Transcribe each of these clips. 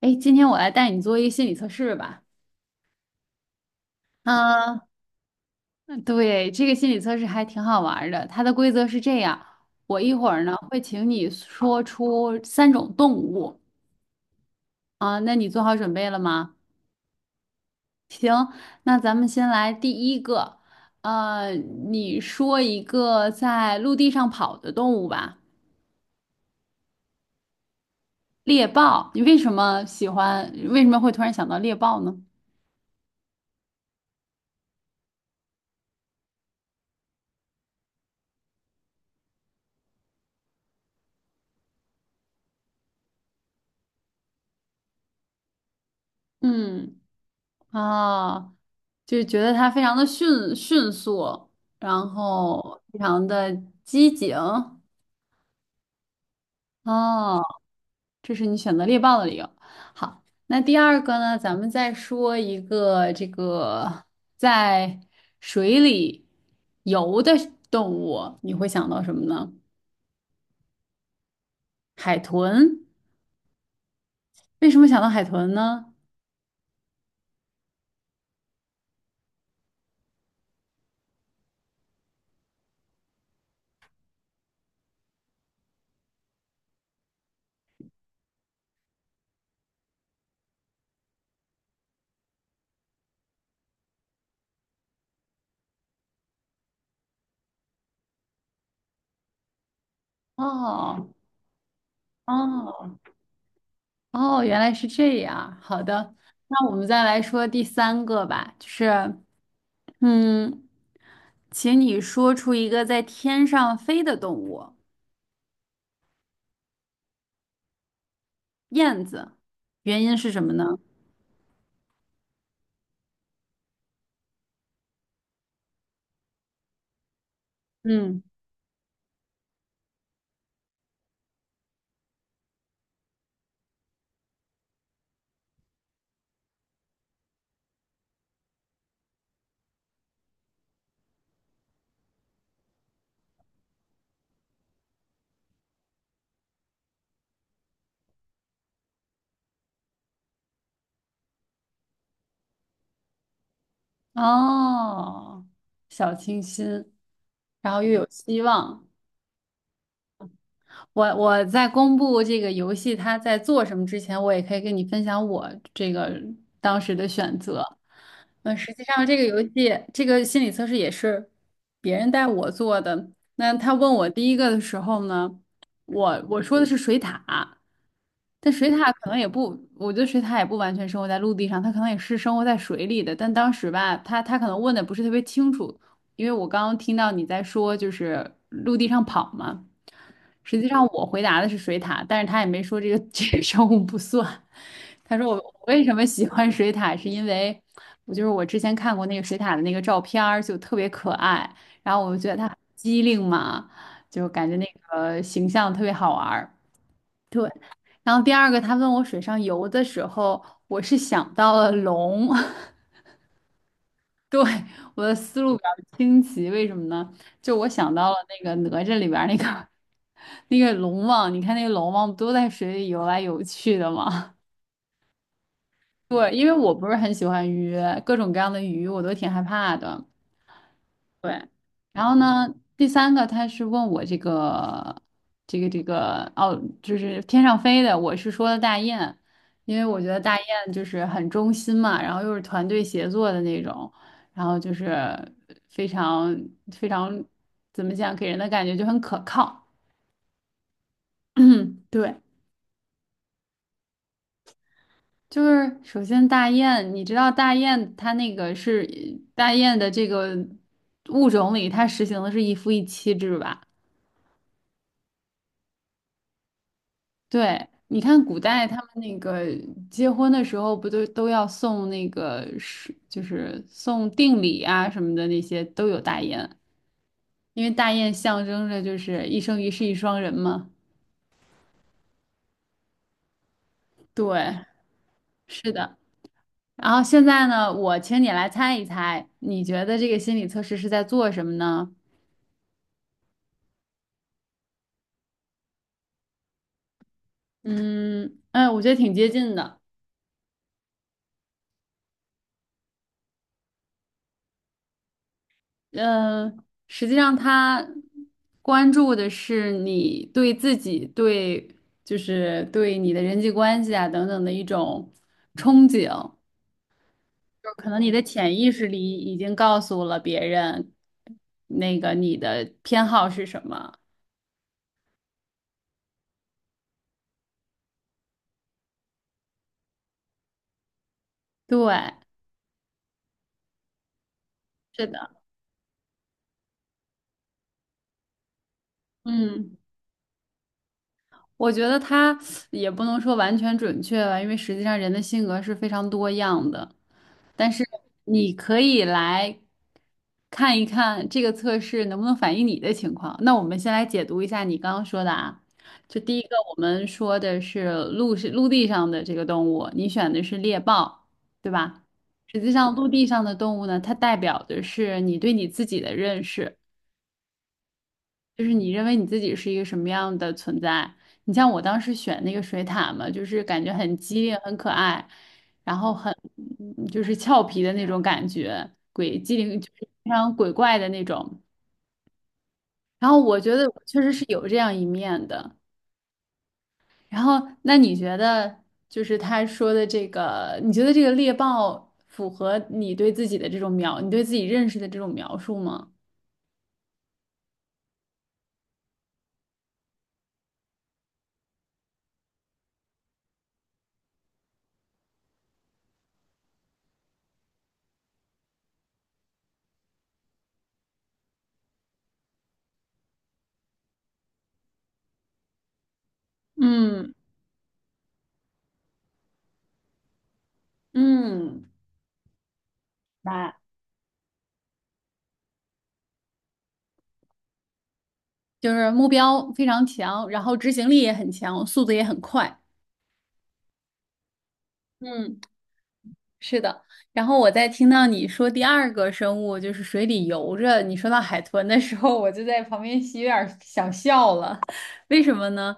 哎，今天我来带你做一个心理测试吧。嗯，对，这个心理测试还挺好玩儿的。它的规则是这样：我一会儿呢会请你说出三种动物啊，那你做好准备了吗？那咱们先来第一个，你说一个在陆地上跑的动物吧，猎豹。你为什么喜欢？为什么会突然想到猎豹呢？嗯。啊，就觉得它非常的迅速，然后非常的机警。哦，这是你选择猎豹的理由。好，那第二个呢，咱们再说一个这个在水里游的动物，你会想到什么呢？海豚。为什么想到海豚呢？哦哦哦，原来是这样。好的，那我们再来说第三个吧，就是。嗯，请你说出一个在天上飞的动物，燕子，原因是什么呢？嗯，哦，小清新，然后又有希望。我在公布这个游戏它在做什么之前，我也可以跟你分享我这个当时的选择。嗯，实际上这个游戏这个心理测试也是别人带我做的。那他问我第一个的时候呢，我说的是水獭，但水獭可能也不，我觉得水獭也不完全生活在陆地上，它可能也是生活在水里的。但当时吧，他可能问的不是特别清楚，因为我刚刚听到你在说就是陆地上跑嘛，实际上我回答的是水獭，但是他也没说这个 这个生物不算。他说我为什么喜欢水獭，是因为我就是我之前看过那个水獭的那个照片儿，就特别可爱，然后我就觉得它很机灵嘛，就感觉那个形象特别好玩儿对，然后第二个他问我水上游的时候，我是想到了龙。对，我的思路比较清奇，为什么呢？就我想到了那个哪吒里边儿那个 那个龙王，你看那个龙王不都在水里游来游去的吗？对，因为我不是很喜欢鱼，各种各样的鱼我都挺害怕的。对，然后呢，第三个他是问我这个哦，就是天上飞的，我是说的大雁，因为我觉得大雁就是很忠心嘛，然后又是团队协作的那种，然后就是非常非常怎么讲，给人的感觉就很可靠。对，就是首先大雁，你知道大雁它那个是大雁的这个物种里，它实行的是一夫一妻制吧？对，你看古代他们那个结婚的时候，不都要送那个是就是送定礼啊什么的那些都有大雁，因为大雁象征着就是一生一世一双人嘛。对，是的。然后现在呢，我请你来猜一猜，你觉得这个心理测试是在做什么呢？嗯，哎，我觉得挺接近的。嗯，实际上他关注的是你对自己、对就是对你的人际关系啊等等的一种憧憬，就可能你的潜意识里已经告诉了别人那个你的偏好是什么。对，是的，嗯。我觉得它也不能说完全准确吧，因为实际上人的性格是非常多样的。但是你可以来看一看这个测试能不能反映你的情况。那我们先来解读一下你刚刚说的啊，就第一个我们说的是陆地上的这个动物，你选的是猎豹，对吧？实际上，陆地上的动物呢，它代表的是你对你自己的认识。就是你认为你自己是一个什么样的存在？你像我当时选那个水獭嘛，就是感觉很机灵、很可爱，然后很就是俏皮的那种感觉，鬼机灵就是非常鬼怪的那种。然后我觉得我确实是有这样一面的。然后那你觉得就是他说的这个，你觉得这个猎豹符合你对自己的这种描，你对自己认识的这种描述吗？嗯嗯，来。就是目标非常强，然后执行力也很强，速度也很快。嗯，是的。然后我在听到你说第二个生物就是水里游着，你说到海豚的时候，我就在旁边有点儿想笑了。为什么呢？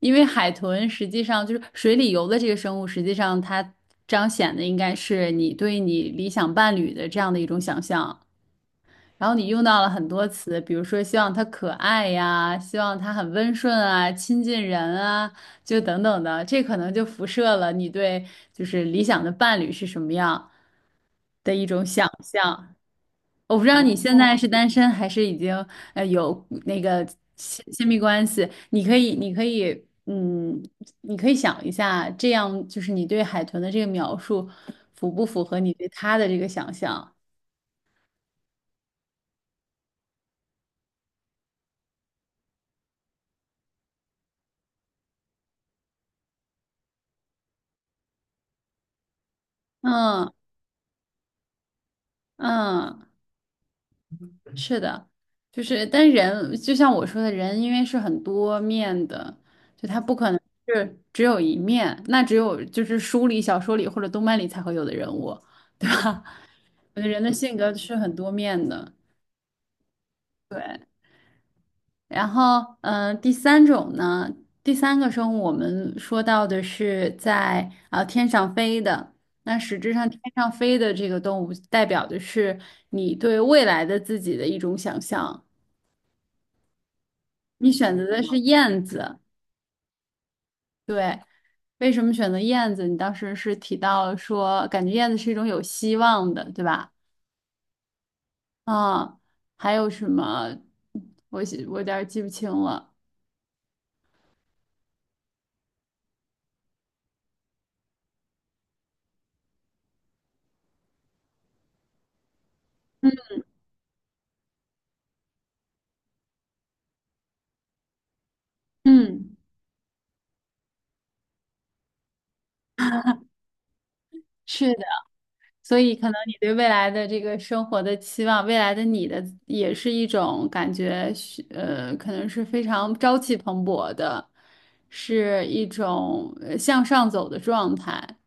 因为海豚实际上就是水里游的这个生物，实际上它彰显的应该是你对你理想伴侣的这样的一种想象。然后你用到了很多词，比如说希望他可爱呀，希望他很温顺啊，亲近人啊，就等等的，这可能就辐射了你对就是理想的伴侣是什么样的一种想象。我不知道你现在是单身还是已经有那个亲密关系，你可以想一下，这样就是你对海豚的这个描述符不符合你对他的这个想象？嗯嗯。是的，就是，但人就像我说的，人因为是很多面的，就他不可能是只有一面，那只有就是书里、小说里或者动漫里才会有的人物，对吧？我觉得人的性格是很多面的。然后，第三种呢，第三个生物我们说到的是天上飞的，那实质上天上飞的这个动物代表的是你对未来的自己的一种想象。你选择的是燕子，对，为什么选择燕子？你当时是提到说，感觉燕子是一种有希望的，对吧？啊，还有什么？我有点儿记不清了。嗯，是的，所以可能你对未来的这个生活的期望，未来的你的也是一种感觉是，可能是非常朝气蓬勃的，是一种向上走的状态。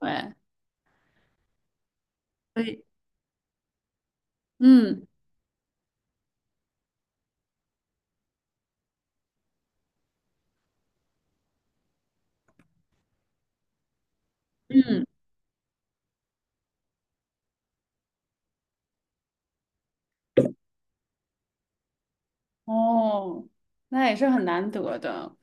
对，所以，嗯嗯，哦，那也是很难得的。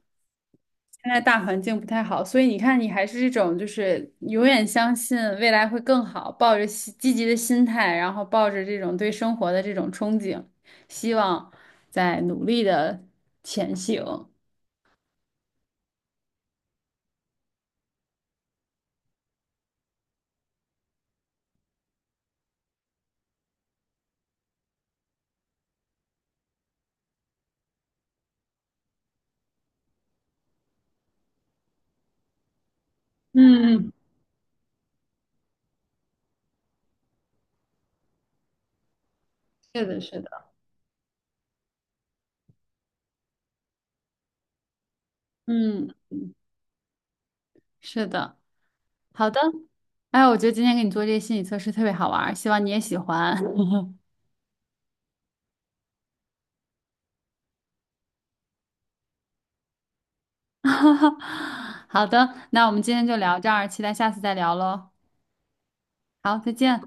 现在大环境不太好，所以你看，你还是这种就是永远相信未来会更好，抱着积极的心态，然后抱着这种对生活的这种憧憬，希望在努力的前行。嗯嗯，是的，是的。嗯，是的，好的。哎，我觉得今天给你做这些心理测试特别好玩儿，希望你也喜欢。好的，那我们今天就聊这儿，期待下次再聊喽。好，再见。